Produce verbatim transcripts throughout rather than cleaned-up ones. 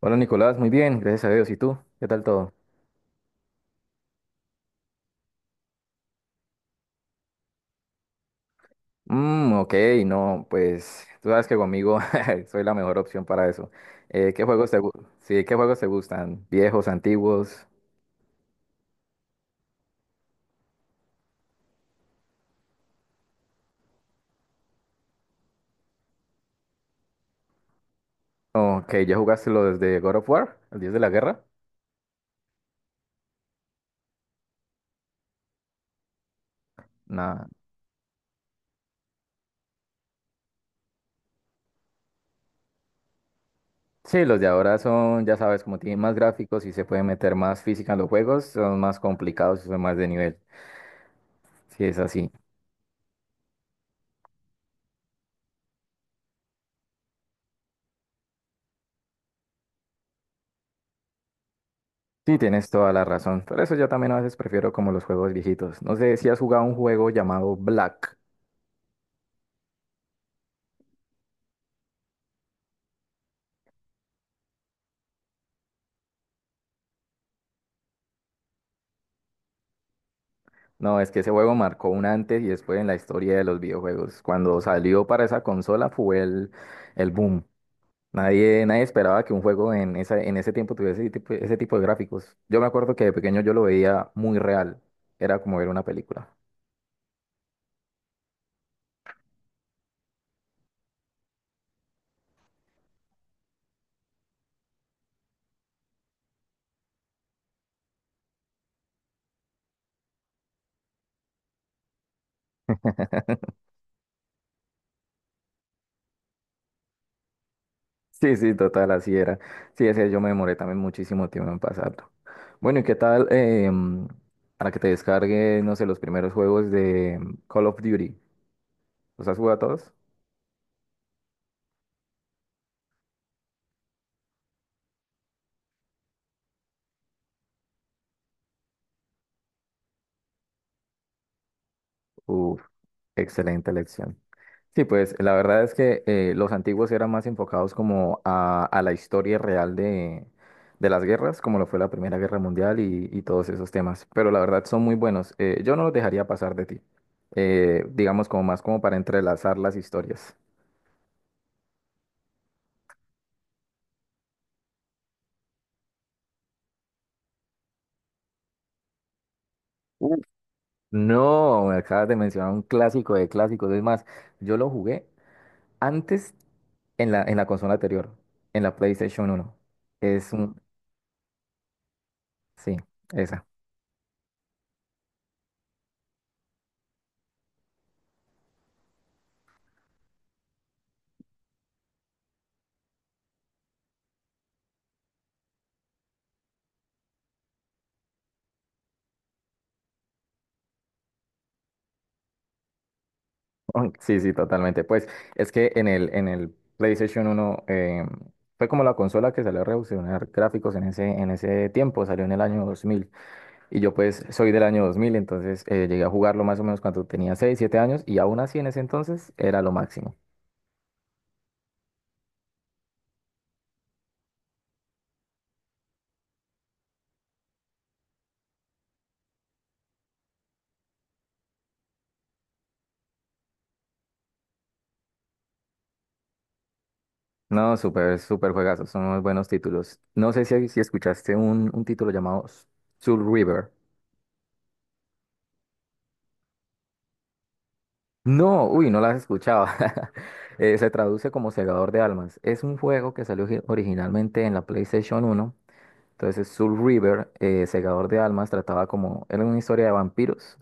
Hola Nicolás, muy bien, gracias a Dios. ¿Y tú? ¿Qué tal todo? Mm, ok, no, pues tú sabes que conmigo soy la mejor opción para eso. Eh, ¿qué juegos te, gu- Sí, ¿qué juegos te gustan? ¿Viejos, antiguos? Ok, ¿ya jugaste los de God of War? ¿El Dios de la Guerra? Nada. Sí, los de ahora son, ya sabes, como tienen más gráficos y se puede meter más física en los juegos, son más complicados y son más de nivel. Sí, es así. Sí, tienes toda la razón. Por eso yo también a veces prefiero como los juegos viejitos. No sé si has jugado un juego llamado Black. No, es que ese juego marcó un antes y después en la historia de los videojuegos. Cuando salió para esa consola fue el, el boom. Nadie, nadie esperaba que un juego en esa, en ese tiempo tuviese ese tipo, ese tipo de gráficos. Yo me acuerdo que de pequeño yo lo veía muy real. Era como ver una película. Sí, sí, total, así era. Sí, ese yo me demoré también muchísimo tiempo en pasarlo. Bueno, ¿y qué tal em, para que te descargue, no sé, los primeros juegos de Call of Duty? ¿Los has jugado a todos? Uf, excelente elección. Sí, pues la verdad es que eh, los antiguos eran más enfocados como a, a la historia real de, de las guerras, como lo fue la Primera Guerra Mundial y, y todos esos temas. Pero la verdad son muy buenos. Eh, yo no los dejaría pasar de ti. Eh, digamos como más como para entrelazar las historias. Uf. No, me acabas de mencionar un clásico de clásicos. Es más, yo lo jugué antes en la, en la consola anterior, en la PlayStation uno. Es un... Sí, esa. Oh, sí, sí, totalmente. Pues es que en el, en el PlayStation uno eh, fue como la consola que salió a revolucionar gráficos en ese, en ese tiempo, salió en el año dos mil. Y yo pues soy del año dos mil, entonces eh, llegué a jugarlo más o menos cuando tenía seis, siete años, y aún así en ese entonces era lo máximo. No, súper, súper juegazos, son muy buenos títulos. No sé si, si escuchaste un, un título llamado Soul River. No, uy, no las escuchaba. Eh, se traduce como Segador de Almas. Es un juego que salió gi- originalmente en la PlayStation uno. Entonces, Soul River, eh, Segador de Almas, trataba como, era una historia de vampiros.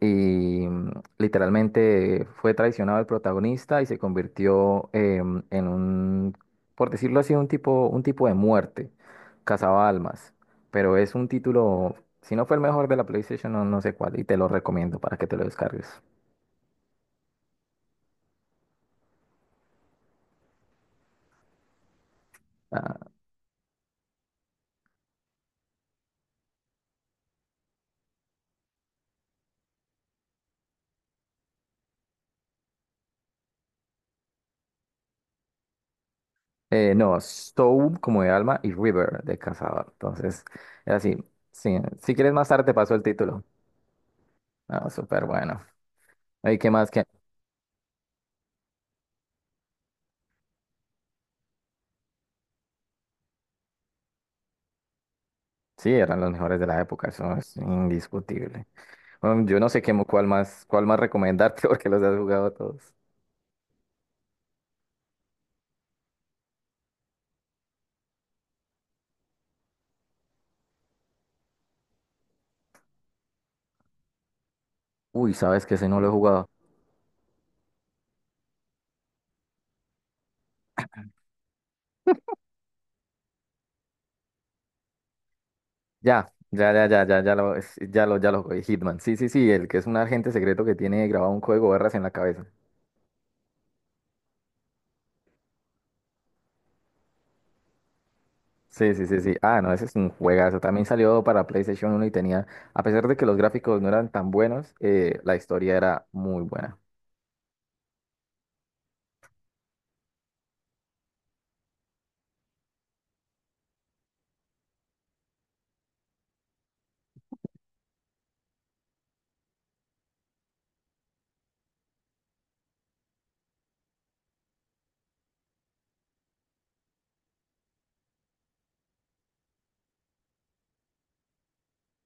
Y mm, literalmente fue traicionado el protagonista y se convirtió em, en un, por decirlo así, un tipo, un tipo de muerte. Cazaba almas. Pero es un título, si no fue el mejor de la PlayStation, no, no sé cuál. Y te lo recomiendo para que te lo descargues. Ah, Eh, no, Soul como de alma y River de cazador. Entonces, era así. Sí, si quieres más tarde te paso el título. No, súper bueno. ¿Y qué más que? Sí, eran los mejores de la época, eso es indiscutible. Bueno, yo no sé qué, mo- cuál más, cuál más recomendarte porque los has jugado todos. Uy, sabes que ese no lo he jugado. Ya, ya, ya, ya, ya, ya lo, es- ya lo, ya lo jugué. Hitman. Sí, sí, sí, el que es un agente secreto que tiene grabado un código barras en la cabeza. Sí, sí, sí, sí. Ah, no, ese es un juegazo. También salió para PlayStation uno y tenía, a pesar de que los gráficos no eran tan buenos, eh, la historia era muy buena.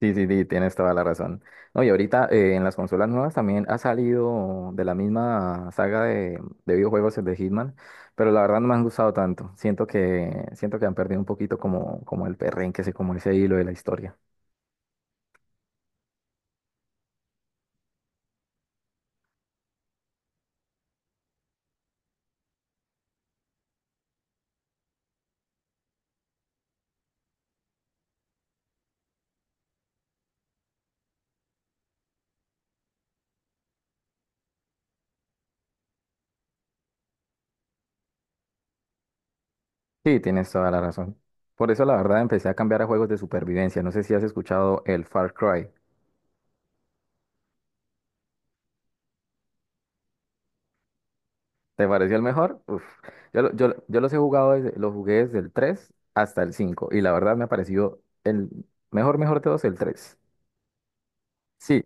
Sí, sí, sí, tienes toda la razón. No, y ahorita eh, en las consolas nuevas también ha salido de la misma saga de, de videojuegos el de Hitman, pero la verdad no me han gustado tanto. Siento que, siento que han perdido un poquito como, como el perrenque, ese- como ese hilo de la historia. Sí, tienes toda la razón. Por eso la verdad empecé a cambiar a juegos de supervivencia. No sé si has escuchado el Far Cry. ¿Te pareció el mejor? Uf. Yo, lo- yo, lo- yo los he jugado, desde, los jugué desde el tres hasta el cinco y la verdad me ha parecido el mejor, mejor de todos el tres. Sí.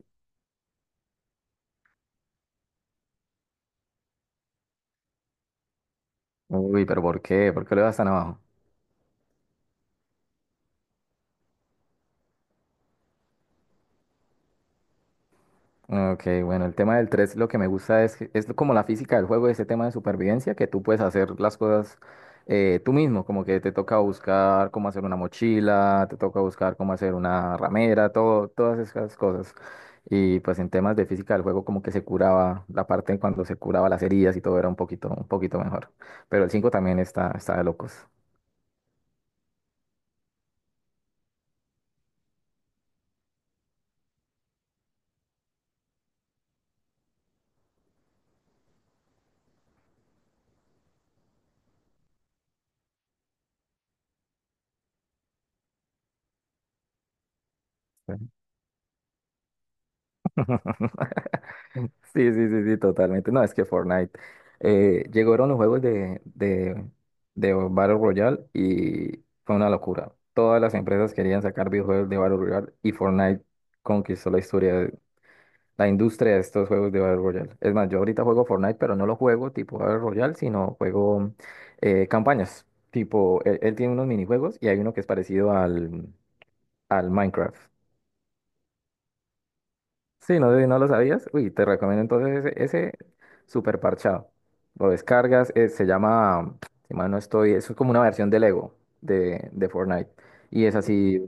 Uy, pero ¿por qué? ¿Por qué lo vas tan abajo? Ok, bueno, el tema del tres, lo que me gusta es, que- es como la física del juego, ese tema de supervivencia, que tú puedes hacer las cosas eh, tú mismo, como que te toca buscar cómo hacer una mochila, te toca buscar cómo hacer una ramera, todo, todas esas cosas. Y pues en temas de física del juego como que se curaba la parte en cuando se curaba las heridas y todo era un poquito, un poquito mejor. Pero el cinco también está, está de locos. Sí. Sí, sí, sí, sí, totalmente. No, es que Fortnite, eh, llegaron los juegos de, de, de Battle Royale y fue una locura. Todas las empresas querían sacar videojuegos de Battle Royale y Fortnite conquistó la historia, de- la industria de estos juegos de Battle Royale. Es más, yo ahorita juego Fortnite, pero no lo juego tipo Battle Royale, sino juego eh, campañas. Tipo, él, él tiene unos minijuegos y hay uno que es parecido al, al Minecraft. Sí, no, no lo sabías. Uy, te recomiendo entonces ese, ese super parchado. Lo descargas, eh, se llama, si mal no estoy, eso es como una versión del Lego de, de Fortnite. Y es así,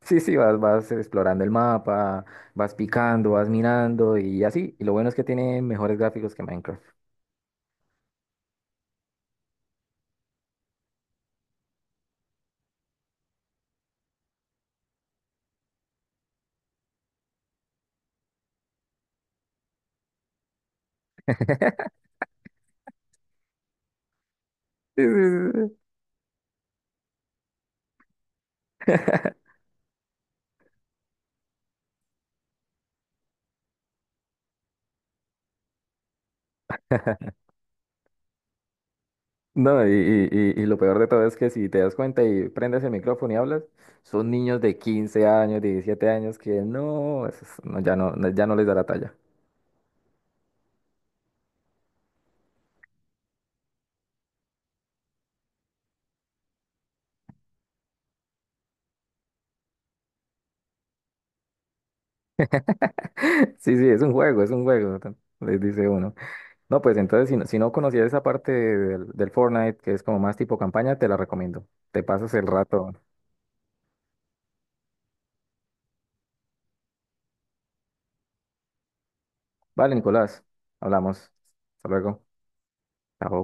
sí, sí, vas, vas explorando el mapa, vas picando, vas mirando y así. Y lo bueno es que tiene mejores gráficos que Minecraft. Sí, sí, sí, sí. No, y, y- y- y lo peor de todo es que si te das cuenta y prendes el micrófono y hablas, son niños de quince años, diecisiete años que no, eso es- no, ya no, ya no les da la talla. Sí, sí, es un juego, es un juego, tan- les dice uno. No, pues entonces, si no, si no conocías esa parte del, del Fortnite, que es como más tipo campaña, te la recomiendo. Te pasas el rato. Vale, Nicolás, hablamos. Hasta luego. Chao.